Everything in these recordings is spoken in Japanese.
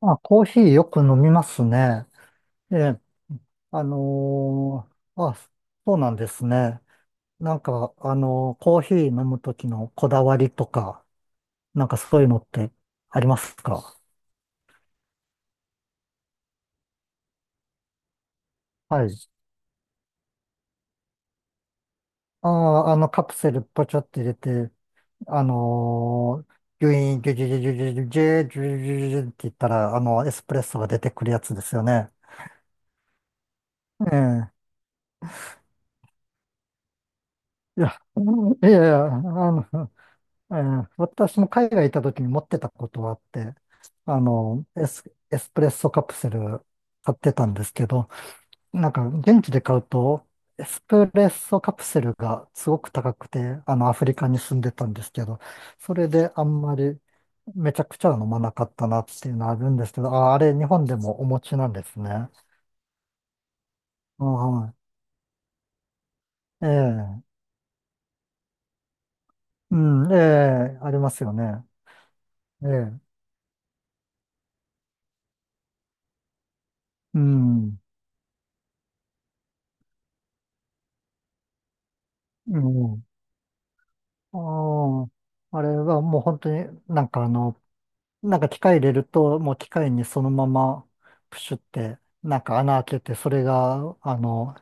あ、コーヒーよく飲みますね。ええ、あのあ、そうなんですね。なんか、コーヒー飲むときのこだわりとか、なんかそういうのってありますか？はい。ああ、あの、カプセルポチョって入れて、あのギュイーン、ギュギュギュギュギュギュギュギュギュギュギュって言ったら、あの、エスプレッソが出てくるやつですよね。ええ。いや、いやいや、あの、私も海外行った時に持ってたことはあって、あの、エスプレッソカプセル買ってたんですけど、なんか現地で買うと、エスプレッソカプセルがすごく高くて、あの、アフリカに住んでたんですけど、それであんまりめちゃくちゃは飲まなかったなっていうのはあるんですけど、あ、あれ日本でもお持ちなんですね。あ、はい。ええ、うん、ええ、ありますよね。ええ、うん、うん。ああ、あれはもう本当になんかあの、なんか機械入れると、もう機械にそのままプシュって、なんか穴開けて、それが、あの、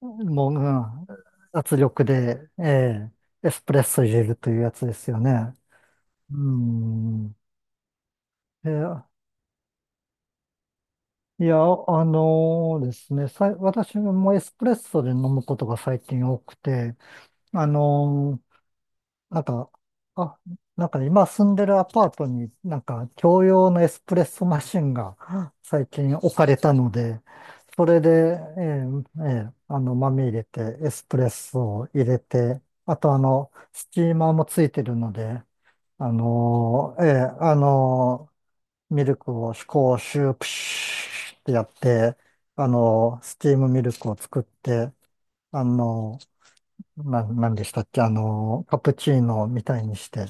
もう、うん、圧力で、ええエスプレッソ入れるというやつですよね。うん。えいや、あのですね、私もエスプレッソで飲むことが最近多くて、あのなんか、あ、なんかね今住んでるアパートになんか共用のエスプレッソマシンが最近置かれたので、それで、ええええあの、豆入れて、エスプレッソを入れて、あとあの、スチーマーもついてるので、あのええあのミルクをこうシュープシューってやって、あのスチームミルクを作って、あのなんでしたっけ、あのカプチーノみたいにして、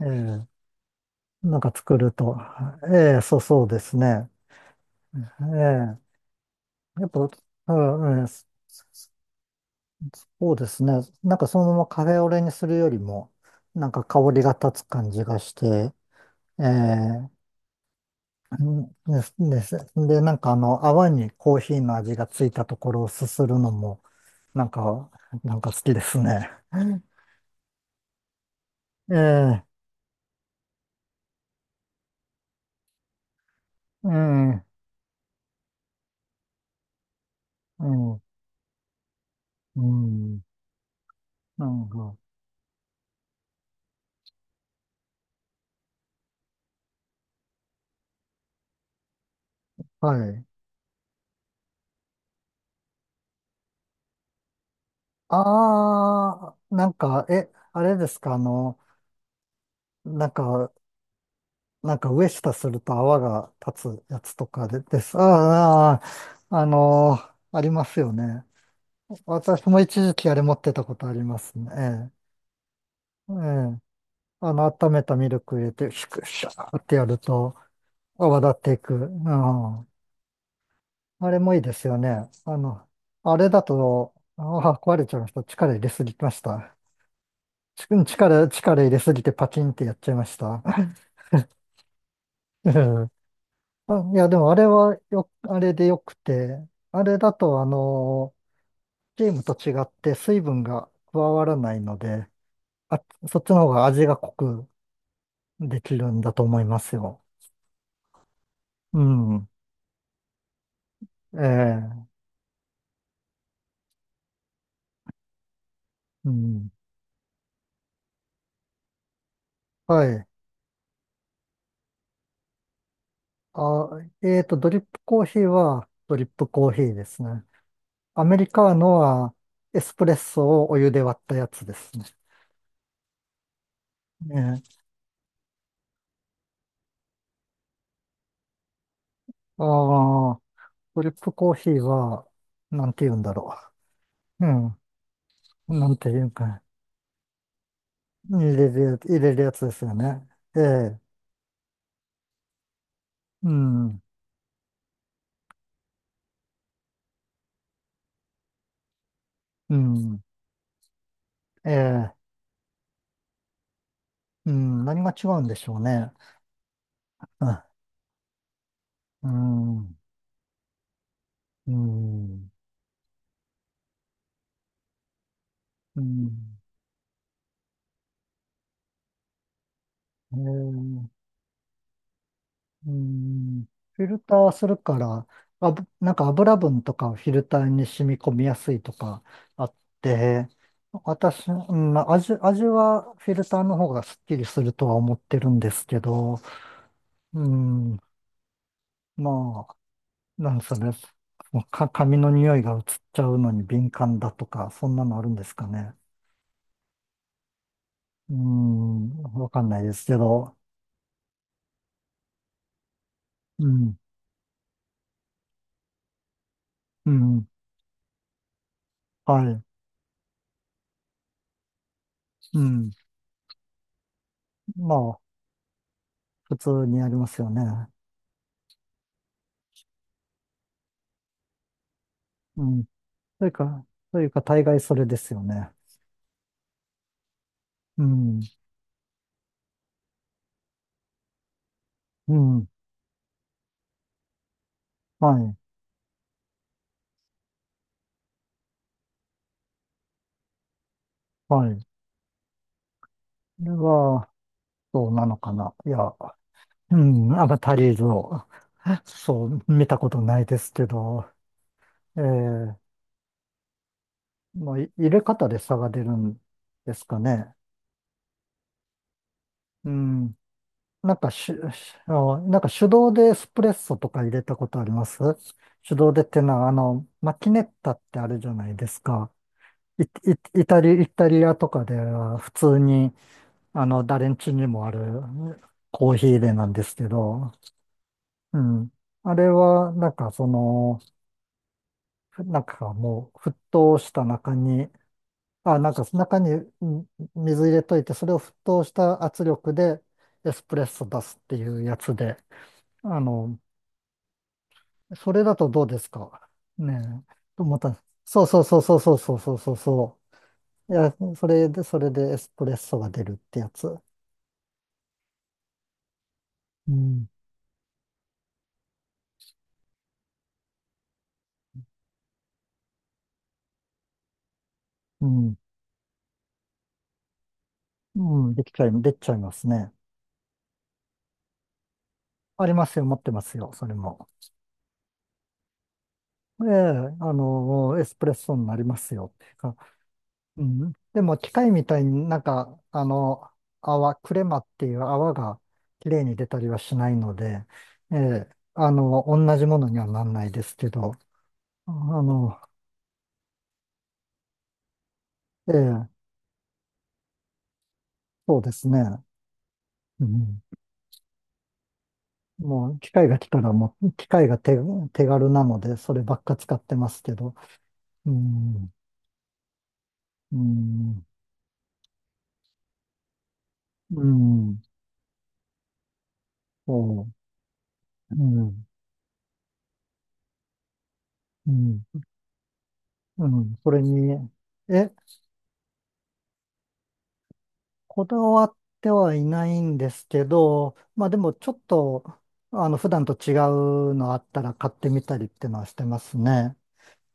ええ、なんか作ると。ええ、そう、そうですね。ええ、やっぱ、うんうん、そうですね。なんかそのままカフェオレにするよりも、なんか香りが立つ感じがして、ええ、うんですです。で、なんかあの、泡にコーヒーの味がついたところをすするのも、なんか、なんか好きですね。ええ、ええ、うん、うん、なんか、はい。ああ、なんか、え、あれですか、あの、なんか、なんか上下すると泡が立つやつとかで、です。ああ、ああありますよね。私も一時期あれ持ってたことありますね。ええ。ええあの、温めたミルク入れて、シュクシャーってやると泡立っていく。うん。あれもいいですよね。あの、あれだと、ああ、壊れちゃいました。力入れすぎました。力入れすぎてパキンってやっちゃいました。うんあ、いや、でもあれはあれでよくて、あれだと、あの、チームと違って水分が加わらないので、あ、そっちの方が味が濃くできるんだと思いますよ。うん。ええ、うん。はい。あ、えーと、ドリップコーヒーはドリップコーヒーですね。アメリカーノはエスプレッソをお湯で割ったやつですね。ねえ。ああ、ドリップコーヒーは、なんて言うんだろう。うん。なんて言うか。入れるやつですよね。ええ、うん、うん、ええ、うん、何が違うんでしょうね。あうん、うん、うん、ええ、うん、フィルターするから、あぶ、なんか油分とかをフィルターに染み込みやすいとかあって、私、うん、まあ味はフィルターの方がすっきりするとは思ってるんですけど、うん、まあ、なんかそれ、もうか、髪の匂いが移っちゃうのに敏感だとか、そんなのあるんですかね。うーん、わかんないですけど、うん、うん、はい、うん。まあ、普通にありますよね。うん。というか、というか、大概それですよね。うん、うん、はい、はい。これは、そうなのかな。いや、うん、アバタリーズを、そう、見たことないですけど、ええまあ、い入れ方で差が出るんですかね。うん。なんかし、しあのなんか手動でエスプレッソとか入れたことあります？手動でってのは、あの、マキネッタってあるじゃないですか。イ、イタリアとかでは普通に、あの、誰ん家にもあるコーヒー入れなんですけど、うん。あれは、なんかその、なんかもう沸騰した中にあ、なんか中にん水入れといて、それを沸騰した圧力でエスプレッソ出すっていうやつで、あの、それだとどうですかねえ。と思ったんですそうそうそうそうそうそうそうそうそう。いや、それで、それでエスプレッソが出るってやつ。うん、うん、うん、できちゃいますね。ありますよ、持ってますよ、それも。ええ、あの、エスプレッソになりますよっていうか。うん。でも機械みたいになんか、あの、泡、クレマっていう泡が綺麗に出たりはしないので、ええ、あの、同じものにはなんないですけど、あの、ええ、そうですね。うん。もう機械が来たらもう、機械が手、手軽なので、そればっか使ってますけど、うん、うん、うん、そう、うん、うん、うん、それに、え、こだわってはいないんですけど、まあでもちょっと、あの、普段と違うのあったら買ってみたりっていうのはしてますね。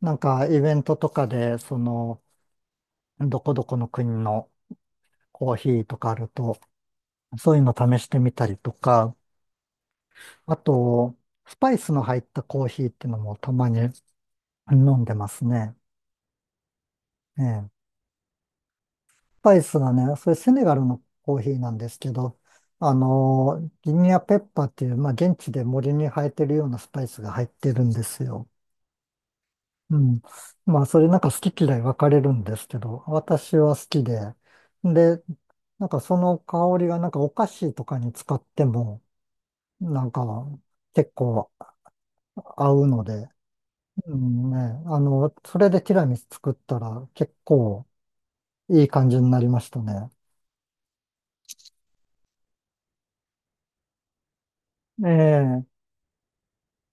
なんかイベントとかで、その、どこどこの国のコーヒーとかあると、そういうの試してみたりとか、あと、スパイスの入ったコーヒーっていうのもたまに飲んでますね。ええパイスがね、それセネガルのコーヒーなんですけど、あの、ギニアペッパーっていう、まあ、現地で森に生えてるようなスパイスが入ってるんですよ。うん。まあ、それなんか好き嫌い分かれるんですけど、私は好きで、で、なんかその香りがなんかお菓子とかに使っても、なんか結構合うので、うんね、あの、それでティラミス作ったら結構いい感じになりましたね。ええ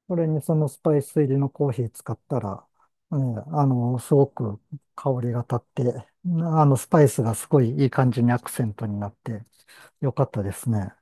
それにそのスパイス入りのコーヒー使ったら、ね、あの、すごく香りが立って、あの、スパイスがすごいいい感じにアクセントになって、よかったですね。